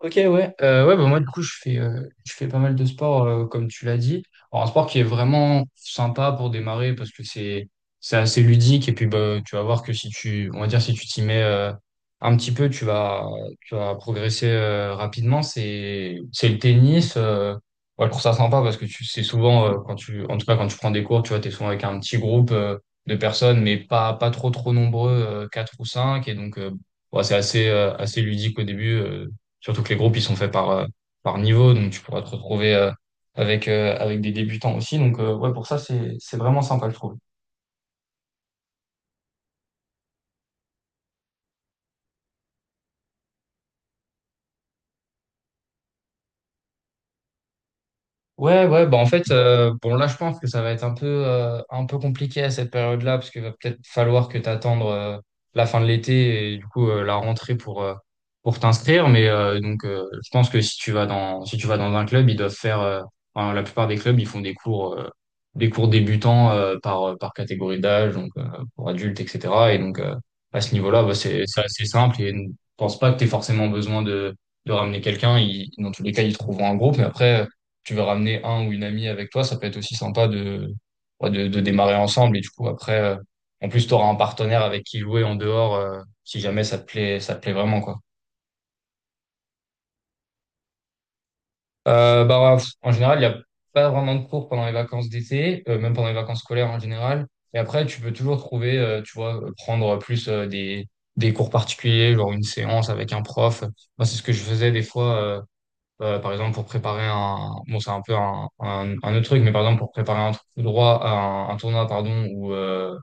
Ok, ouais. Ouais, bah moi, du coup, je fais pas mal de sport, comme tu l'as dit. Alors, un sport qui est vraiment sympa pour démarrer parce que c'est assez ludique. Et puis, bah, tu vas voir que si tu, on va dire, si tu t'y mets, un petit peu, tu vas progresser, rapidement. C'est le tennis. Ouais, je trouve ça sympa parce que c'est souvent, quand en tout cas, quand tu prends des cours, tu vois, t'es souvent avec un petit groupe, de personnes, mais pas trop nombreux, quatre ou cinq. Et donc, ouais, c'est assez ludique au début. Surtout que les groupes, ils sont faits par niveau, donc tu pourras te retrouver avec des débutants aussi. Donc, ouais, pour ça, c'est vraiment sympa, je trouve. Ouais, ouais, bah en fait, bon là je pense que ça va être un peu compliqué à cette période-là, parce qu'il va peut-être falloir que t'attendes la fin de l'été et du coup la rentrée pour t'inscrire. Mais donc je pense que si tu vas dans un club, ils doivent faire, enfin, la plupart des clubs, ils font des cours débutants par catégorie d'âge, donc pour adultes, etc. Et donc à ce niveau-là, bah, c'est assez simple et ne pense pas que t'aies forcément besoin de ramener quelqu'un. Dans tous les cas, ils trouveront un groupe, mais après tu veux ramener un ou une amie avec toi, ça peut être aussi sympa ouais, de démarrer ensemble. Et du coup, après, en plus, tu auras un partenaire avec qui jouer en dehors, si jamais ça te plaît, ça te plaît vraiment, quoi. Bah, ouais, pff, en général, il n'y a pas vraiment de cours pendant les vacances d'été, même pendant les vacances scolaires en général. Et après, tu peux toujours trouver, tu vois, prendre plus des cours particuliers, genre une séance avec un prof. Moi, c'est ce que je faisais des fois. Par exemple, pour préparer bon, c'est un peu un autre truc, mais par exemple, pour préparer un, trou- droit, un tournoi, pardon,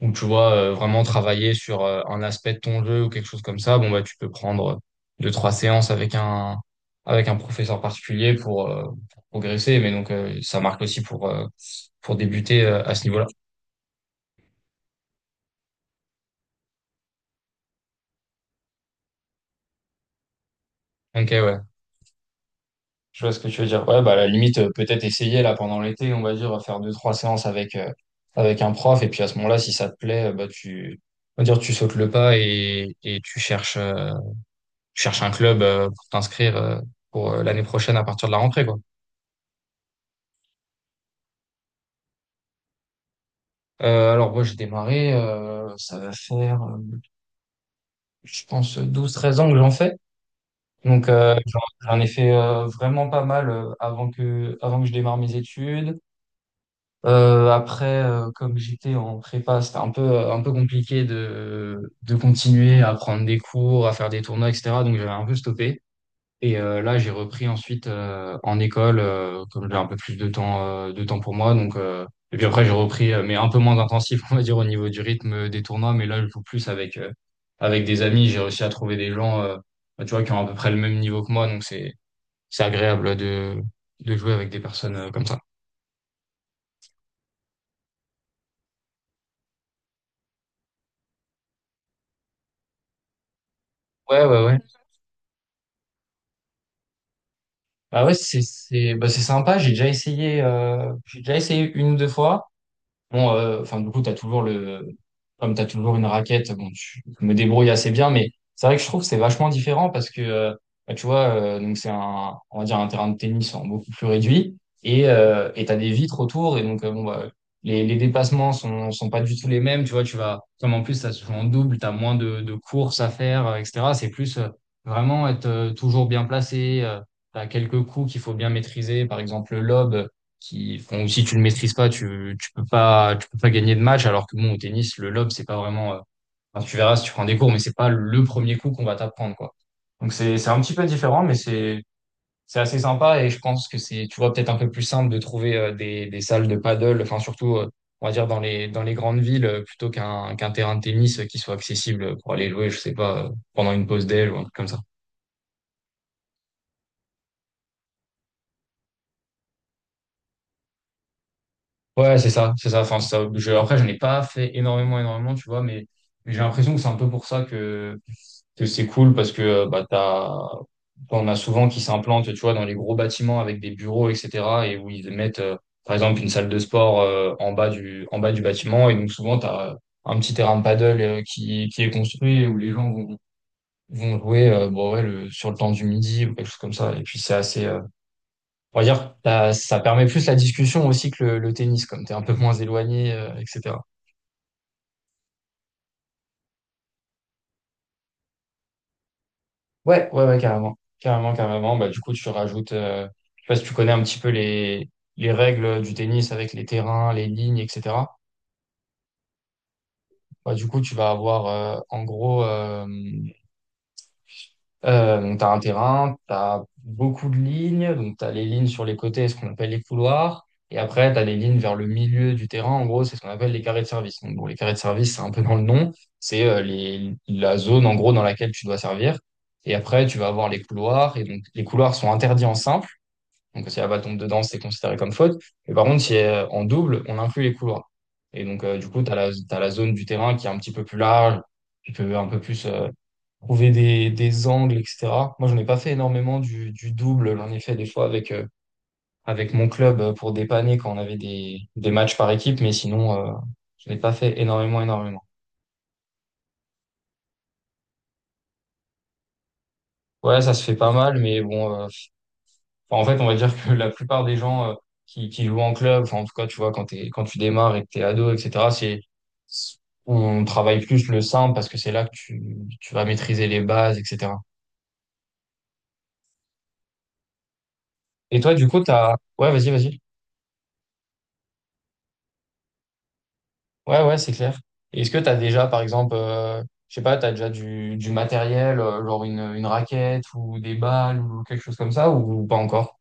où tu vois vraiment travailler sur un aspect de ton jeu ou quelque chose comme ça, bon, bah, tu peux prendre deux, trois séances avec un professeur particulier pour progresser, mais donc, ça marque aussi pour débuter à ce niveau-là. Ok, ouais. Je vois ce que tu veux dire. Ouais, bah, à la limite, peut-être essayer là pendant l'été, on va dire, faire deux, trois séances avec un prof. Et puis à ce moment-là, si ça te plaît, bah, on va dire, tu sautes le pas et tu cherches un club pour t'inscrire pour l'année prochaine à partir de la rentrée, quoi. Alors, moi, j'ai démarré, ça va faire, je pense, 12 13 ans que j'en fais. Donc, j'en ai fait vraiment pas mal avant que je démarre mes études. Après, comme j'étais en prépa, c'était un peu compliqué de continuer à prendre des cours, à faire des tournois, etc. Donc j'avais un peu stoppé. Et là, j'ai repris ensuite en école, comme j'ai un peu plus de temps pour moi. Donc, et puis après, j'ai repris, mais un peu moins intensif, on va dire, au niveau du rythme des tournois. Mais là, je joue plus avec des amis. J'ai réussi à trouver des gens, bah, tu vois, qui ont à peu près le même niveau que moi. Donc c'est agréable de jouer avec des personnes comme ça. Ouais, ouais, ouais. Bah ouais, c'est bah c'est sympa. J'ai déjà essayé une ou deux fois. Bon, enfin, du coup, comme t'as toujours une raquette, bon, je me débrouille assez bien, mais c'est vrai que je trouve que c'est vachement différent parce que, bah, tu vois, donc on va dire un terrain de tennis en beaucoup plus réduit et t'as des vitres autour et donc, bon, bah, les dépassements sont pas du tout les mêmes, tu vois, comme en plus, ça se joue en double, t'as moins de courses à faire, etc. C'est plus vraiment être toujours bien placé, t'as quelques coups qu'il faut bien maîtriser, par exemple, le lob qui font, si tu le maîtrises pas, tu peux pas gagner de match. Alors que bon, au tennis, le lob, c'est pas vraiment, enfin, tu verras si tu prends des cours, mais c'est pas le premier coup qu'on va t'apprendre, quoi. Donc c'est un petit peu différent, mais c'est assez sympa et je pense que c'est, tu vois, peut-être un peu plus simple de trouver des salles de paddle, enfin, surtout, on va dire dans les grandes villes, qu'un terrain de tennis qui soit accessible pour aller louer, je sais pas, pendant une pause déj ou un truc comme ça. Ouais, c'est ça, c'est ça. Enfin, après, j'en ai pas fait énormément, énormément, tu vois, mais j'ai l'impression que c'est un peu pour ça que c'est cool parce que bah, on a souvent qui s'implantent, tu vois, dans les gros bâtiments avec des bureaux, etc., et où ils mettent, par exemple, une salle de sport en bas du bâtiment, et donc souvent t'as un petit terrain de paddle qui est construit et où les gens vont jouer, bon, ouais, sur le temps du midi ou quelque chose comme ça. Et puis c'est assez, on va dire, ça permet plus la discussion aussi que le tennis, comme tu es un peu moins éloigné, etc. Ouais, ouais, ouais, carrément. Carrément, carrément. Bah, du coup, tu rajoutes, je sais pas si tu connais un petit peu les règles du tennis avec les terrains, les lignes, etc. Bah, du coup, tu vas avoir, en gros, tu as un terrain, tu as beaucoup de lignes, donc tu as les lignes sur les côtés, ce qu'on appelle les couloirs, et après tu as les lignes vers le milieu du terrain, en gros, c'est ce qu'on appelle les carrés de service. Donc, bon, les carrés de service, c'est un peu dans le nom, c'est la zone en gros dans laquelle tu dois servir, et après tu vas avoir les couloirs, et donc les couloirs sont interdits en simple, donc si la balle tombe dedans, c'est considéré comme faute, mais par contre, si en double, on inclut les couloirs. Et donc, du coup, t'as la zone du terrain qui est un petit peu plus large, qui peut un peu plus, trouver des angles, etc. Moi, j'en ai pas fait énormément du double. J'en ai fait des fois avec mon club pour dépanner quand on avait des matchs par équipe, mais sinon, je n'ai pas fait énormément, énormément. Ouais, ça se fait pas mal, mais bon, enfin, en fait, on va dire que la plupart des gens qui jouent en club, enfin, en tout cas, tu vois, quand tu démarres et que t'es ado, etc., on travaille plus le simple parce que c'est là que tu vas maîtriser les bases, etc. Et toi, du coup, ouais, vas-y, vas-y. Ouais, ouais, c'est clair. Et est-ce que tu as déjà, par exemple, je sais pas, tu as déjà du matériel, genre une raquette ou des balles ou quelque chose comme ça, ou pas encore?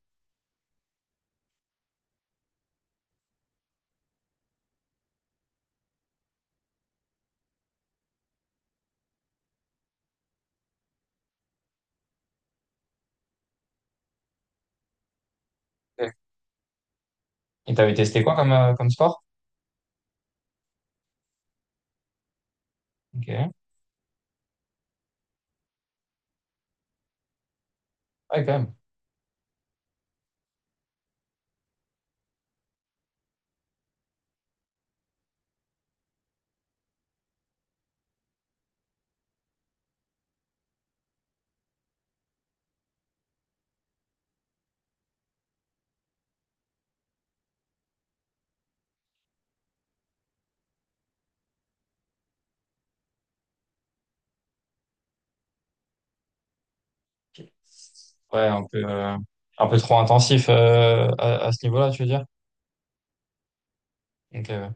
Ouais. Et t'avais testé quoi comme sport? Ok. Ouais, quand même. Ok. Ouais, un peu trop intensif à ce niveau-là, tu veux dire? Donc ouais.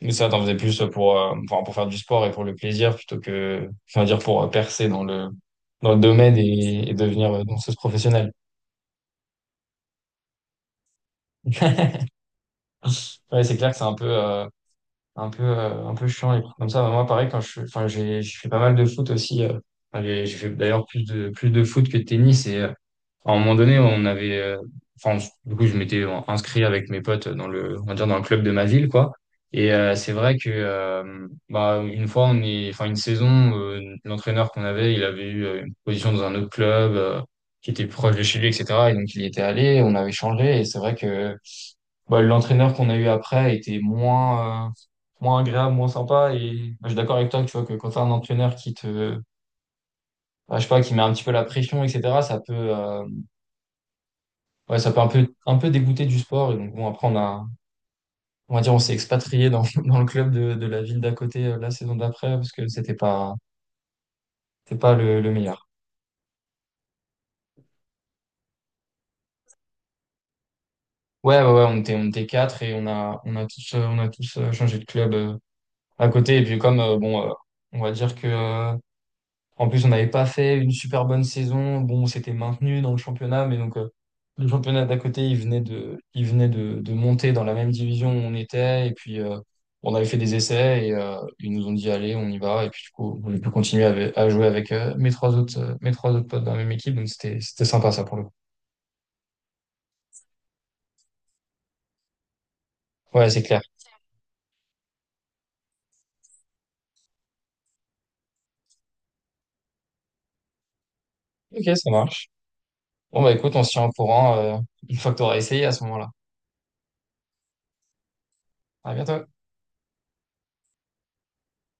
Mais ça, t'en faisais plus pour faire du sport et pour le plaisir plutôt que, enfin, dire, pour percer dans dans le domaine et devenir danseuse professionnelle. Ouais, c'est clair que c'est un peu chiant et comme ça. Bah, moi, pareil, enfin, j'ai fait pas mal de foot aussi. Enfin, j'ai fait d'ailleurs plus de foot que de tennis. Et à un moment donné, on avait, enfin, du coup, je m'étais inscrit avec mes potes on va dire, dans le club de ma ville, quoi. Et c'est vrai que, bah, une fois, enfin, une saison, l'entraîneur qu'on avait, il avait eu une position dans un autre club qui était proche de chez lui, etc. Et donc, il y était allé, on avait changé. Et c'est vrai que bah, l'entraîneur qu'on a eu après a été moins agréable, moins sympa. Et bah, je suis d'accord avec toi que tu vois que quand tu un entraîneur bah, je sais pas, qui met un petit peu la pression, etc., ouais, ça peut un peu dégoûter du sport. Et donc, bon, après, on va dire, on s'est expatrié dans, dans le club de la ville d'à côté la saison d'après parce que c'était pas le meilleur. Ouais, ouais, ouais, on était quatre et on a tous changé de club à côté. Et puis, comme, bon, on va dire que, en plus, on n'avait pas fait une super bonne saison. Bon, on s'était maintenu dans le championnat, mais donc le championnat d'à côté, il venait de monter dans la même division où on était. Et puis, on avait fait des essais et ils nous ont dit, allez, on y va. Et puis, du coup, on a pu continuer jouer avec mes trois autres potes dans la même équipe. Donc, c'était sympa, ça, pour le coup. Ouais, c'est clair. Ok, ça marche. Bon, bah écoute, on se tient au courant une fois que tu auras essayé à ce moment-là. À bientôt.